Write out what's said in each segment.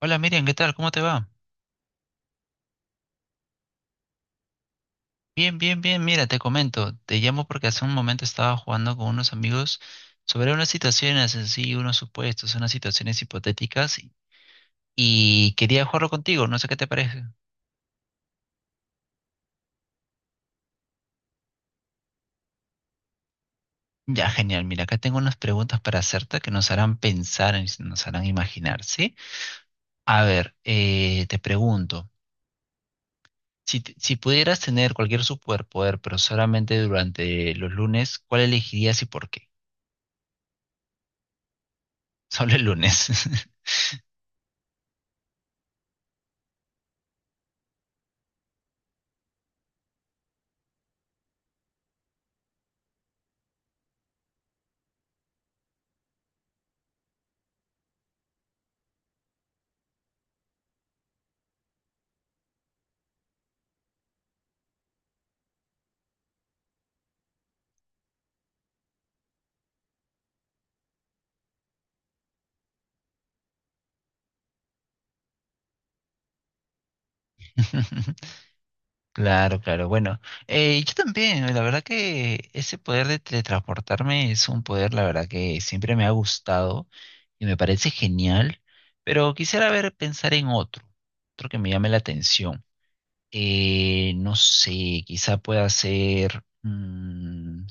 Hola Miriam, ¿qué tal? ¿Cómo te va? Bien, bien, bien. Mira, te comento, te llamo porque hace un momento estaba jugando con unos amigos sobre unas situaciones en sí, unos supuestos, unas situaciones hipotéticas y quería jugarlo contigo, no sé qué te parece. Ya, genial. Mira, acá tengo unas preguntas para hacerte que nos harán pensar, y nos harán imaginar, ¿sí? A ver, te pregunto, si pudieras tener cualquier superpoder, pero solamente durante los lunes, ¿cuál elegirías y por qué? Solo el lunes. Claro, claro. Bueno, yo también, la verdad que ese poder de teletransportarme es un poder, la verdad que siempre me ha gustado y me parece genial, pero quisiera ver, pensar en otro, otro que me llame la atención. No sé, quizá pueda ser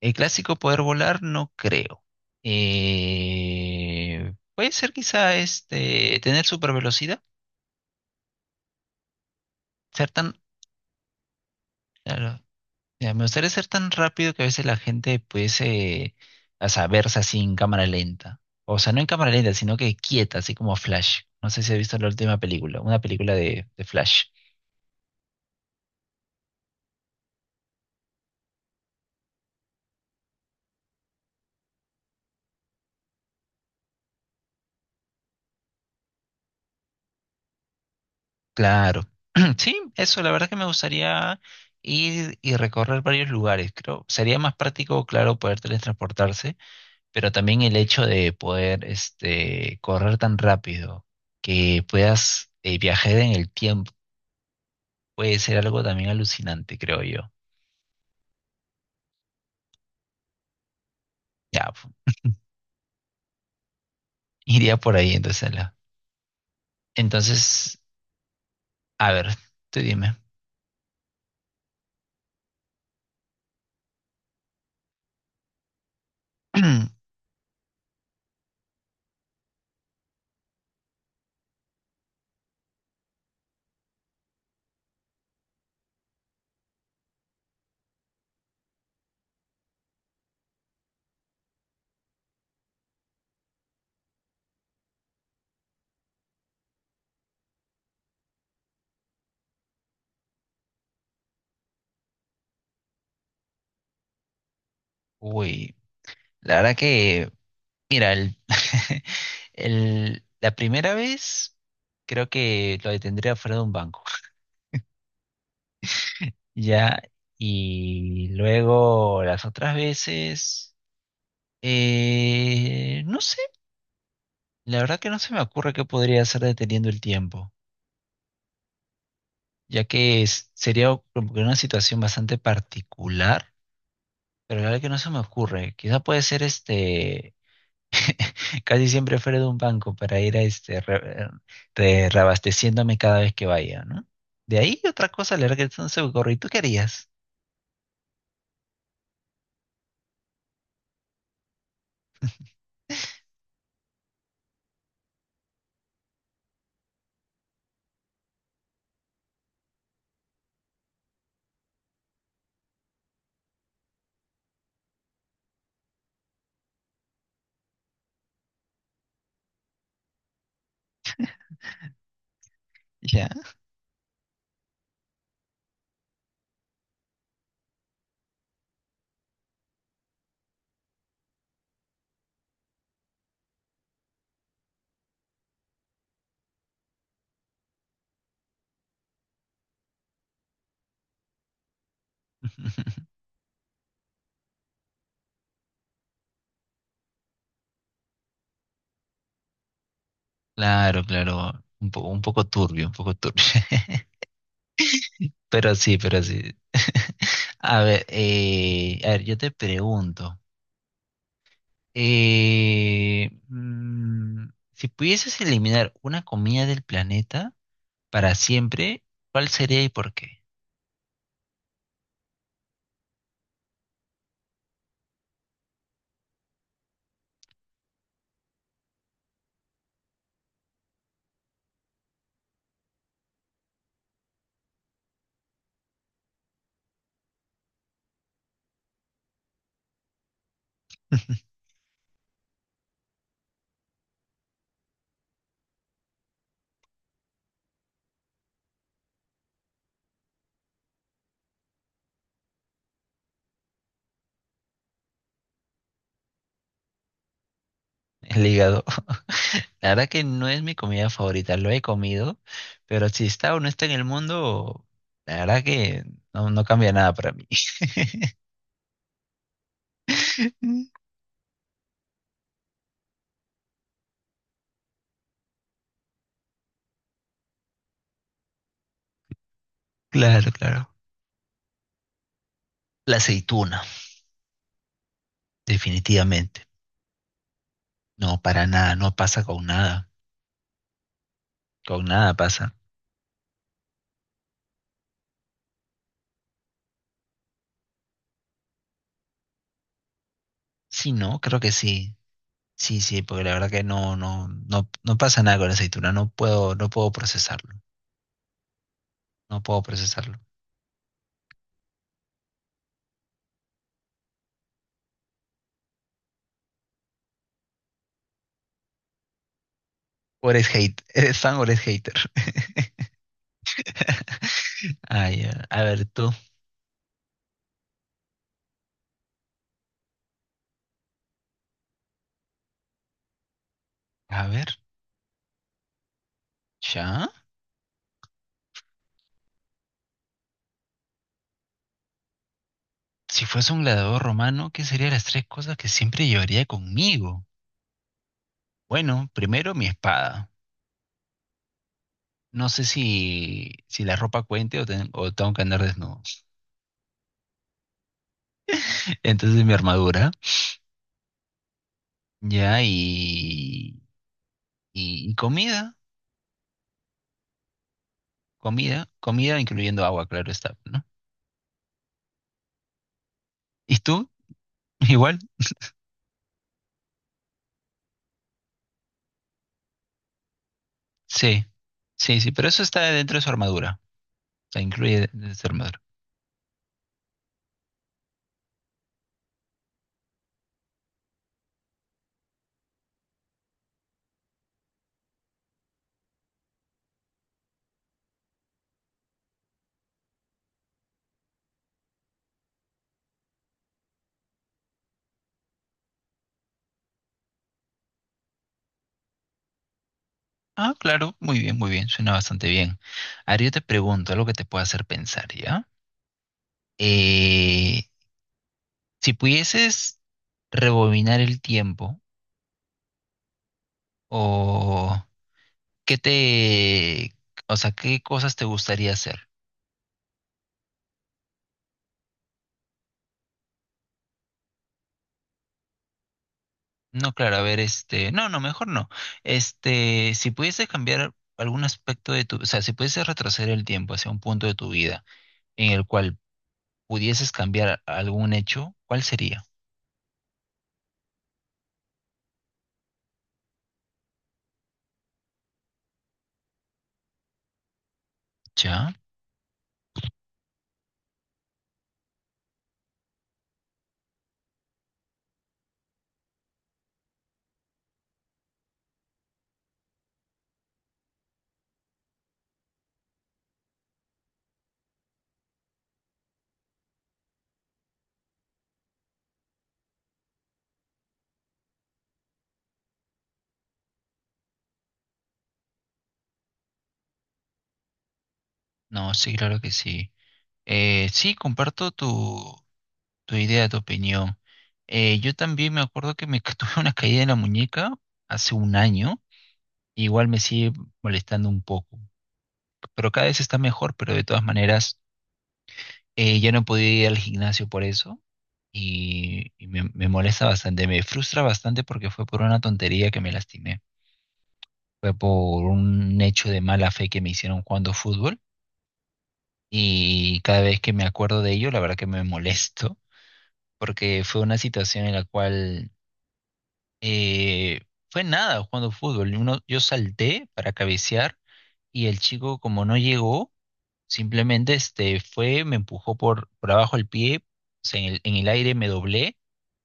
el clásico poder volar, no creo. Puede ser quizá este, tener super velocidad, ser tan, claro, ya, me gustaría ser tan rápido que a veces la gente pudiese, o sea, verse así en cámara lenta. O sea, no en cámara lenta, sino que quieta, así como Flash. No sé si has visto la última película, una película de Flash. Claro. Sí, eso, la verdad que me gustaría ir y recorrer varios lugares. Creo, sería más práctico, claro, poder teletransportarse, pero también el hecho de poder, este, correr tan rápido que puedas viajar en el tiempo puede ser algo también alucinante, creo yo. Ya, iría por ahí, entonces. Entonces, a ver, tú dime. Uy, la verdad que, mira, la primera vez creo que lo detendría fuera de un banco, ya, y luego las otras veces, no sé, la verdad que no se me ocurre qué podría hacer deteniendo el tiempo, sería como que una situación bastante particular, pero la verdad que no se me ocurre, quizá puede ser este casi siempre fuera de un banco para ir a este reabasteciéndome cada vez que vaya, ¿no? De ahí otra cosa, le regresan su gorro. ¿Y tú qué harías? Ya. Claro, claro. Un poco turbio, un poco turbio. Pero sí, pero sí. A ver, yo te pregunto, eh, mm, si pudieses eliminar una comida del planeta para siempre, ¿cuál sería y por qué? El hígado. La verdad que no es mi comida favorita, lo he comido, pero si está o no está en el mundo, la verdad que no, no cambia nada para mí. Claro, claro. La aceituna, definitivamente. No, para nada, no pasa con nada pasa. Sí, no, creo que sí. Sí, sí, porque la verdad que no pasa nada con la aceituna, no puedo procesarlo, no puedo procesarlo. ¿O eres hate, eres fan o eres hater? Ay, a ver tú, a ver. Ya. Si fuese un gladiador romano, ¿qué serían las tres cosas que siempre llevaría conmigo? Bueno, primero mi espada. No sé si, si la ropa cuente o tengo que andar desnudo. Entonces mi armadura. Ya, y comida. Comida. Comida incluyendo agua, claro está, ¿no? ¿Y tú? Igual. Sí. Sí, sí, pero eso está dentro de su armadura. La incluye dentro de su armadura. Ah, claro. Muy bien, muy bien. Suena bastante bien. Ahora yo te pregunto algo que te pueda hacer pensar, ¿ya? Eh, si pudieses rebobinar el tiempo, o qué te, o sea, qué cosas te gustaría hacer. No, claro, a ver, este, no, no, mejor no. Este, si pudieses cambiar algún aspecto de tu, o sea, si pudieses retroceder el tiempo hacia un punto de tu vida en el cual pudieses cambiar algún hecho, ¿cuál sería? ¿Ya? No, sí, claro que sí. Sí, comparto tu, tu idea, tu opinión. Yo también me acuerdo que me tuve una caída en la muñeca hace un año. Igual me sigue molestando un poco, pero cada vez está mejor, pero de todas maneras ya no podía ir al gimnasio por eso me molesta bastante, me frustra bastante porque fue por una tontería que me lastimé, fue por un hecho de mala fe que me hicieron jugando fútbol y cada vez que me acuerdo de ello, la verdad que me molesto porque fue una situación en la cual eh, fue nada jugando fútbol. Uno, yo salté para cabecear y el chico, como no llegó, simplemente este, fue, me empujó por abajo el pie, o sea, en el aire me doblé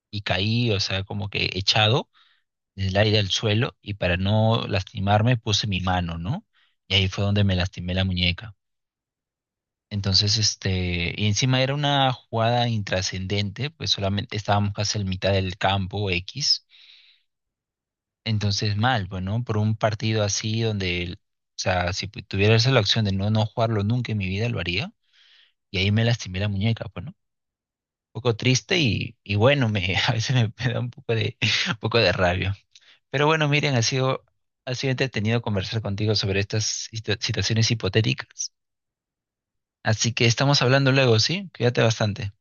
y caí, o sea, como que echado del aire al suelo y para no lastimarme puse mi mano, ¿no? Y ahí fue donde me lastimé la muñeca. Entonces, este, y encima era una jugada intrascendente, pues solamente estábamos casi en mitad del campo X. Entonces mal, pues, ¿no? Por un partido así donde, o sea, si pu- tuviera esa la opción de no, no jugarlo nunca en mi vida, lo haría. Y ahí me lastimé la muñeca, pues, ¿no? Un poco triste y bueno, me, a veces me, me da un poco de, un poco de rabia. Pero bueno, miren, ha sido entretenido conversar contigo sobre estas situaciones hipotéticas. Así que estamos hablando luego, ¿sí? Cuídate bastante.